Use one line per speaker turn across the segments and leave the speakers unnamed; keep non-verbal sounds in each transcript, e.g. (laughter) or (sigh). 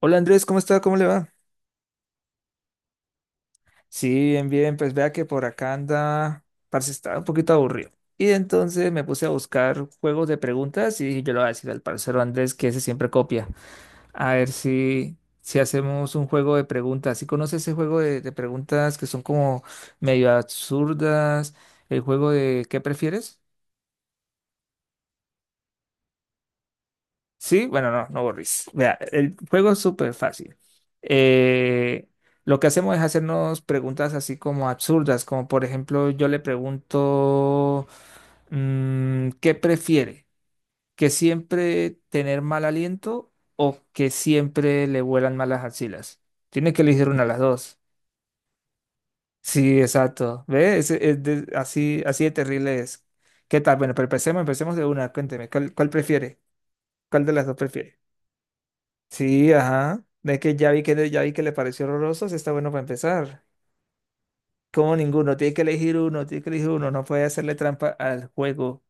Hola Andrés, ¿cómo está? ¿Cómo le va? Sí, bien, bien, pues vea que por acá anda, parce, estaba un poquito aburrido. Y entonces me puse a buscar juegos de preguntas y dije, yo le voy a decir al parcero Andrés que ese siempre copia. A ver si hacemos un juego de preguntas. ¿Sí conoce ese juego de preguntas que son como medio absurdas? El juego de ¿qué prefieres? Sí, bueno, no, no borris. Vea, el juego es súper fácil. Eh, lo que hacemos es hacernos preguntas así como absurdas, como por ejemplo, yo le pregunto, ¿qué prefiere? ¿Que siempre tener mal aliento o que siempre le vuelan malas axilas? Tiene que elegir una de las dos. Sí, exacto. ¿Ve? Es así, así de terrible es. ¿Qué tal? Bueno, pero empecemos, empecemos de una. Cuénteme, ¿cuál prefiere? ¿Cuál de las dos prefiere? Sí, ajá. Es que ya vi que le pareció horroroso, sí está bueno para empezar. Como ninguno, tiene que elegir uno, tiene que elegir uno, no puede hacerle trampa al juego.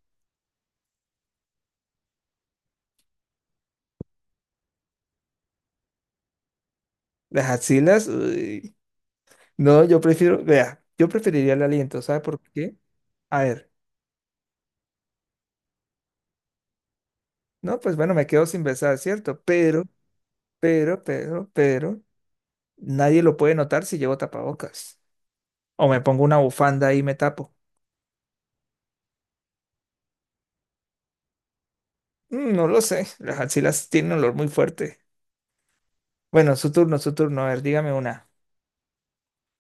Las axilas, uy. No, yo prefiero, vea, yo preferiría el aliento, ¿sabe por qué? A ver, no, pues bueno, me quedo sin besar, ¿cierto? Pero, nadie lo puede notar si llevo tapabocas. O me pongo una bufanda y me tapo. No lo sé, las axilas tienen un olor muy fuerte. Bueno, su turno, a ver, dígame una.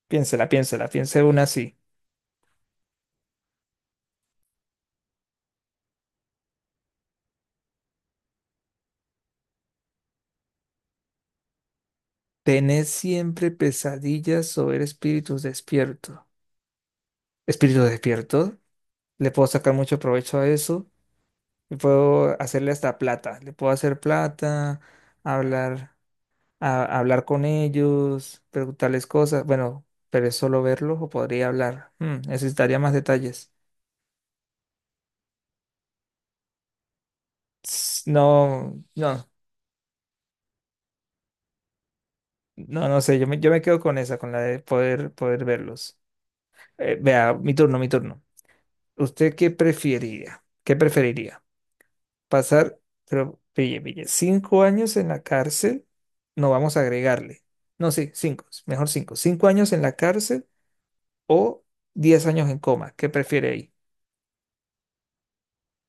Piénsela, piénsela, piense una así. ¿Tenés siempre pesadillas o ver espíritus despiertos? ¿Espíritus despiertos? Le puedo sacar mucho provecho a eso. Y puedo hacerle hasta plata. Le puedo hacer plata, hablar, hablar con ellos, preguntarles cosas. Bueno, pero es solo verlos o podría hablar. Necesitaría más detalles. No, no, no, no sé. Yo me quedo con esa, con la de poder verlos. Vea, mi turno, mi turno. ¿Usted qué preferiría? ¿Qué preferiría? ¿Pasar, pero pille, pille, 5 años en la cárcel? No vamos a agregarle. No, sí, cinco, mejor cinco. ¿5 años en la cárcel o 10 años en coma? ¿Qué prefiere ahí?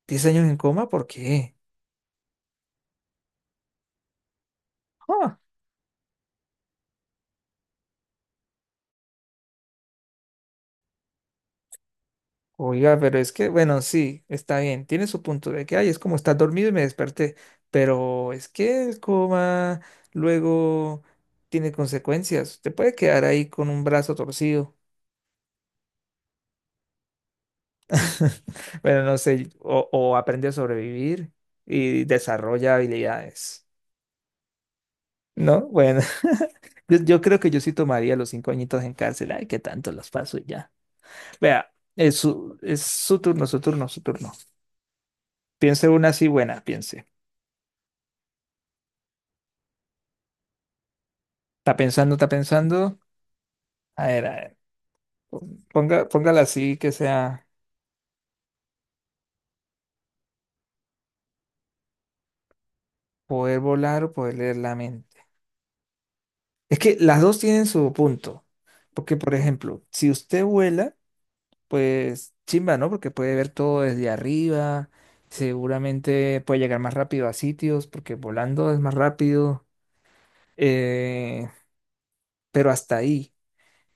¿10 años en coma? ¿Por qué? Ah, oiga, pero es que, bueno, sí, está bien. Tiene su punto de que, ay, es como estar dormido y me desperté. Pero es que el coma luego tiene consecuencias. Te puede quedar ahí con un brazo torcido. (laughs) Bueno, no sé, o aprende a sobrevivir y desarrolla habilidades, ¿no? Bueno, (laughs) yo creo que yo sí tomaría los 5 añitos en cárcel, ay, qué tanto los paso y ya. Vea, es su turno, su turno, su turno. Piense una así buena, piense. Está pensando, está pensando. A ver, póngala así que sea poder volar o poder leer la mente. Es que las dos tienen su punto, porque por ejemplo, si usted vuela pues chimba, ¿no? Porque puede ver todo desde arriba, seguramente puede llegar más rápido a sitios, porque volando es más rápido, eh, pero hasta ahí.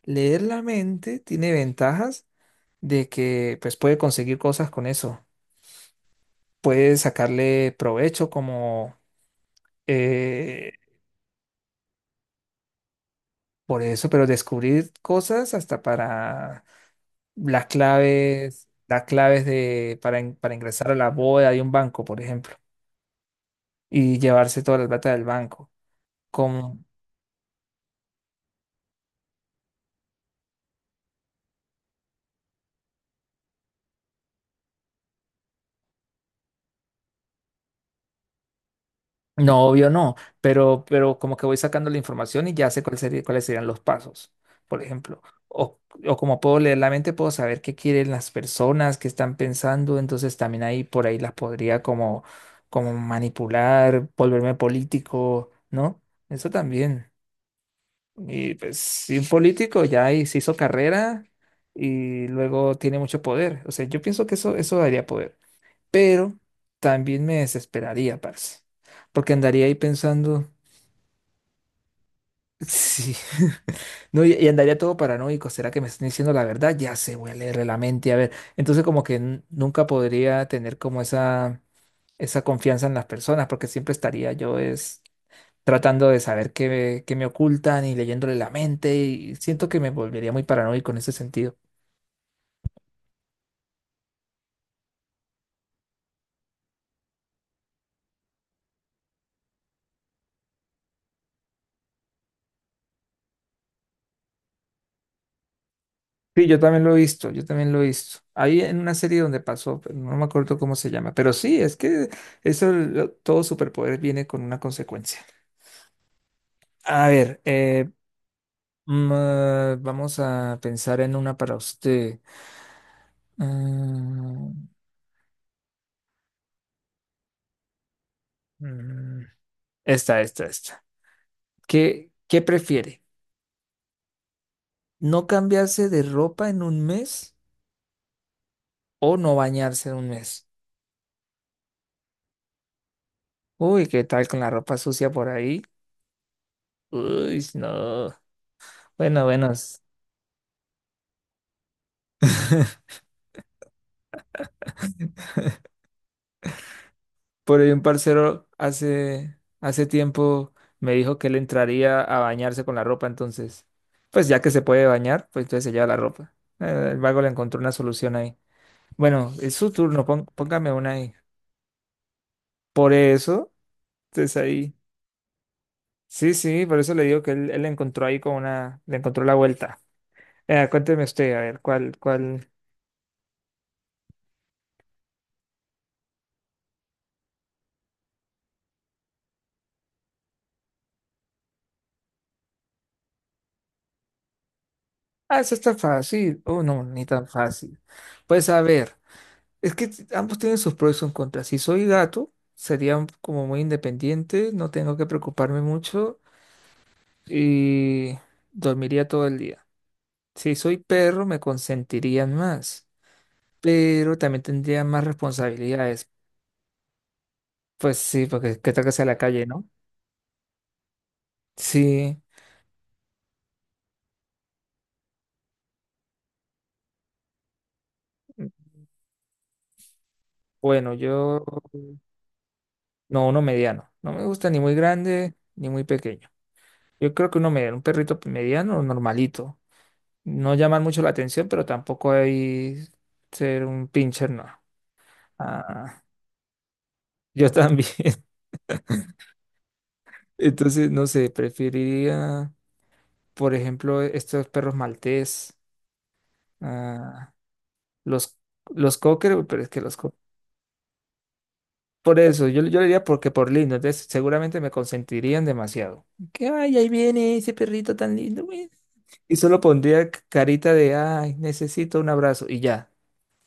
Leer la mente tiene ventajas de que pues puede conseguir cosas con eso, puede sacarle provecho como eh, por eso, pero descubrir cosas hasta para las claves de, para, para ingresar a la bóveda de un banco, por ejemplo. Y llevarse toda la plata del banco. Como, no, obvio no, pero como que voy sacando la información y ya sé cuáles serían los pasos, por ejemplo. O, o como puedo leer la mente, puedo saber qué quieren las personas, qué están pensando, entonces también ahí por ahí las podría como manipular, volverme político, ¿no? Eso también. Y pues si un político ya ahí se hizo carrera y luego tiene mucho poder. O sea, yo pienso que eso daría poder. Pero también me desesperaría, parce, porque andaría ahí pensando, sí, (laughs) no, y andaría todo paranoico, ¿será que me están diciendo la verdad? Ya se voy a leerle la mente, a ver, entonces como que nunca podría tener como esa, confianza en las personas, porque siempre estaría yo es tratando de saber qué me ocultan y leyéndole la mente, y siento que me volvería muy paranoico en ese sentido. Sí, yo también lo he visto, yo también lo he visto. Ahí en una serie donde pasó, pero no me acuerdo cómo se llama, pero sí, es que eso, todo superpoder viene con una consecuencia. A ver, ah, vamos a pensar en una para usted. Mm, mm, Esta, esta, esta. ¿Qué prefiere? ¿No cambiarse de ropa en un mes o no bañarse en un mes? Uy, ¿qué tal con la ropa sucia por ahí? Uy, no. Bueno, bueno. (laughs) Por ahí un parcero hace tiempo me dijo que él entraría a bañarse con la ropa, entonces, pues ya que se puede bañar, pues entonces se lleva la ropa. El vago le encontró una solución ahí. Bueno, es su turno, póngame una ahí. Por eso, entonces ahí. Sí, sí, por eso le digo que él le encontró ahí con una, le encontró la vuelta. Cuénteme usted, a ver, ¿cuál? Ah, eso está fácil. Oh, no, ni tan fácil. Pues a ver. Es que ambos tienen sus pros y sus contras. Si soy gato, sería como muy independiente, no tengo que preocuparme mucho y dormiría todo el día. Si soy perro, me consentirían más, pero también tendría más responsabilidades. Pues sí, porque qué tal que sea la calle, ¿no? Sí, bueno, yo no, uno mediano. No me gusta ni muy grande ni muy pequeño. Yo creo que uno mediano, un perrito mediano o normalito. No llamar mucho la atención, pero tampoco hay ser un pincher, no. Ah, yo también. (laughs) Entonces, no sé, preferiría, por ejemplo, estos perros maltés, ah, los, los cocker, uy, pero es que los cocker. Por eso, yo le diría porque por lindo, entonces seguramente me consentirían demasiado. Que, ay, ahí viene ese perrito tan lindo, güey. Y solo pondría carita de, ay, necesito un abrazo y ya.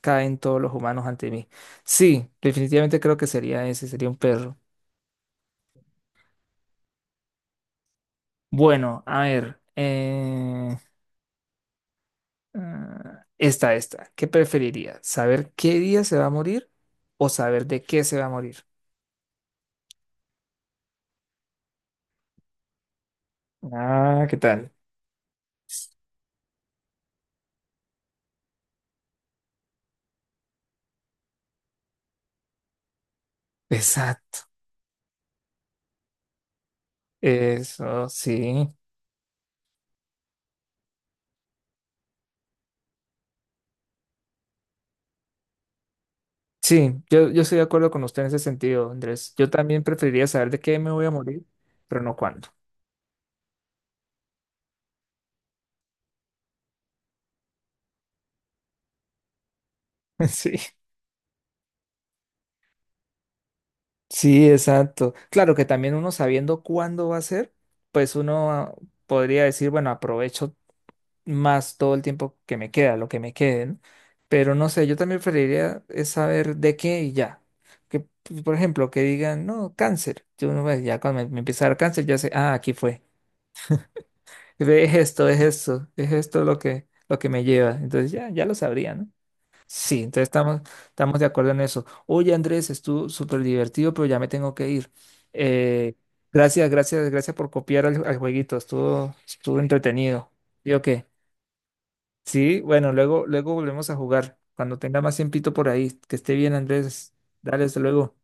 Caen todos los humanos ante mí. Sí, definitivamente creo que sería ese, sería un perro. Bueno, a ver, ah, esta, ¿qué preferiría? ¿Saber qué día se va a morir o saber de qué se va a morir? Ah, ¿qué tal? Exacto, eso sí. Sí, yo estoy de acuerdo con usted en ese sentido, Andrés. Yo también preferiría saber de qué me voy a morir, pero no cuándo. (laughs) Sí. Sí, exacto. Claro que también uno sabiendo cuándo va a ser, pues uno podría decir, bueno, aprovecho más todo el tiempo que me queda, lo que me quede, ¿no? Pero no sé, yo también preferiría es saber de qué y ya. Que, por ejemplo, que digan, no, cáncer. Yo uno, pues, ya cuando me empieza a dar cáncer, ya sé, ah, aquí fue. Ve, es esto, es esto, es esto lo que me lleva. Entonces ya, ya lo sabría, ¿no? Sí, entonces estamos, estamos de acuerdo en eso. Oye, Andrés, estuvo súper divertido, pero ya me tengo que ir. Eh, Gracias, gracias, gracias por copiar al jueguito. Estuvo, estuvo entretenido. ¿Sí o qué? Sí, bueno, luego, luego volvemos a jugar. Cuando tenga más tiempito por ahí. Que esté bien, Andrés. Dale, hasta luego.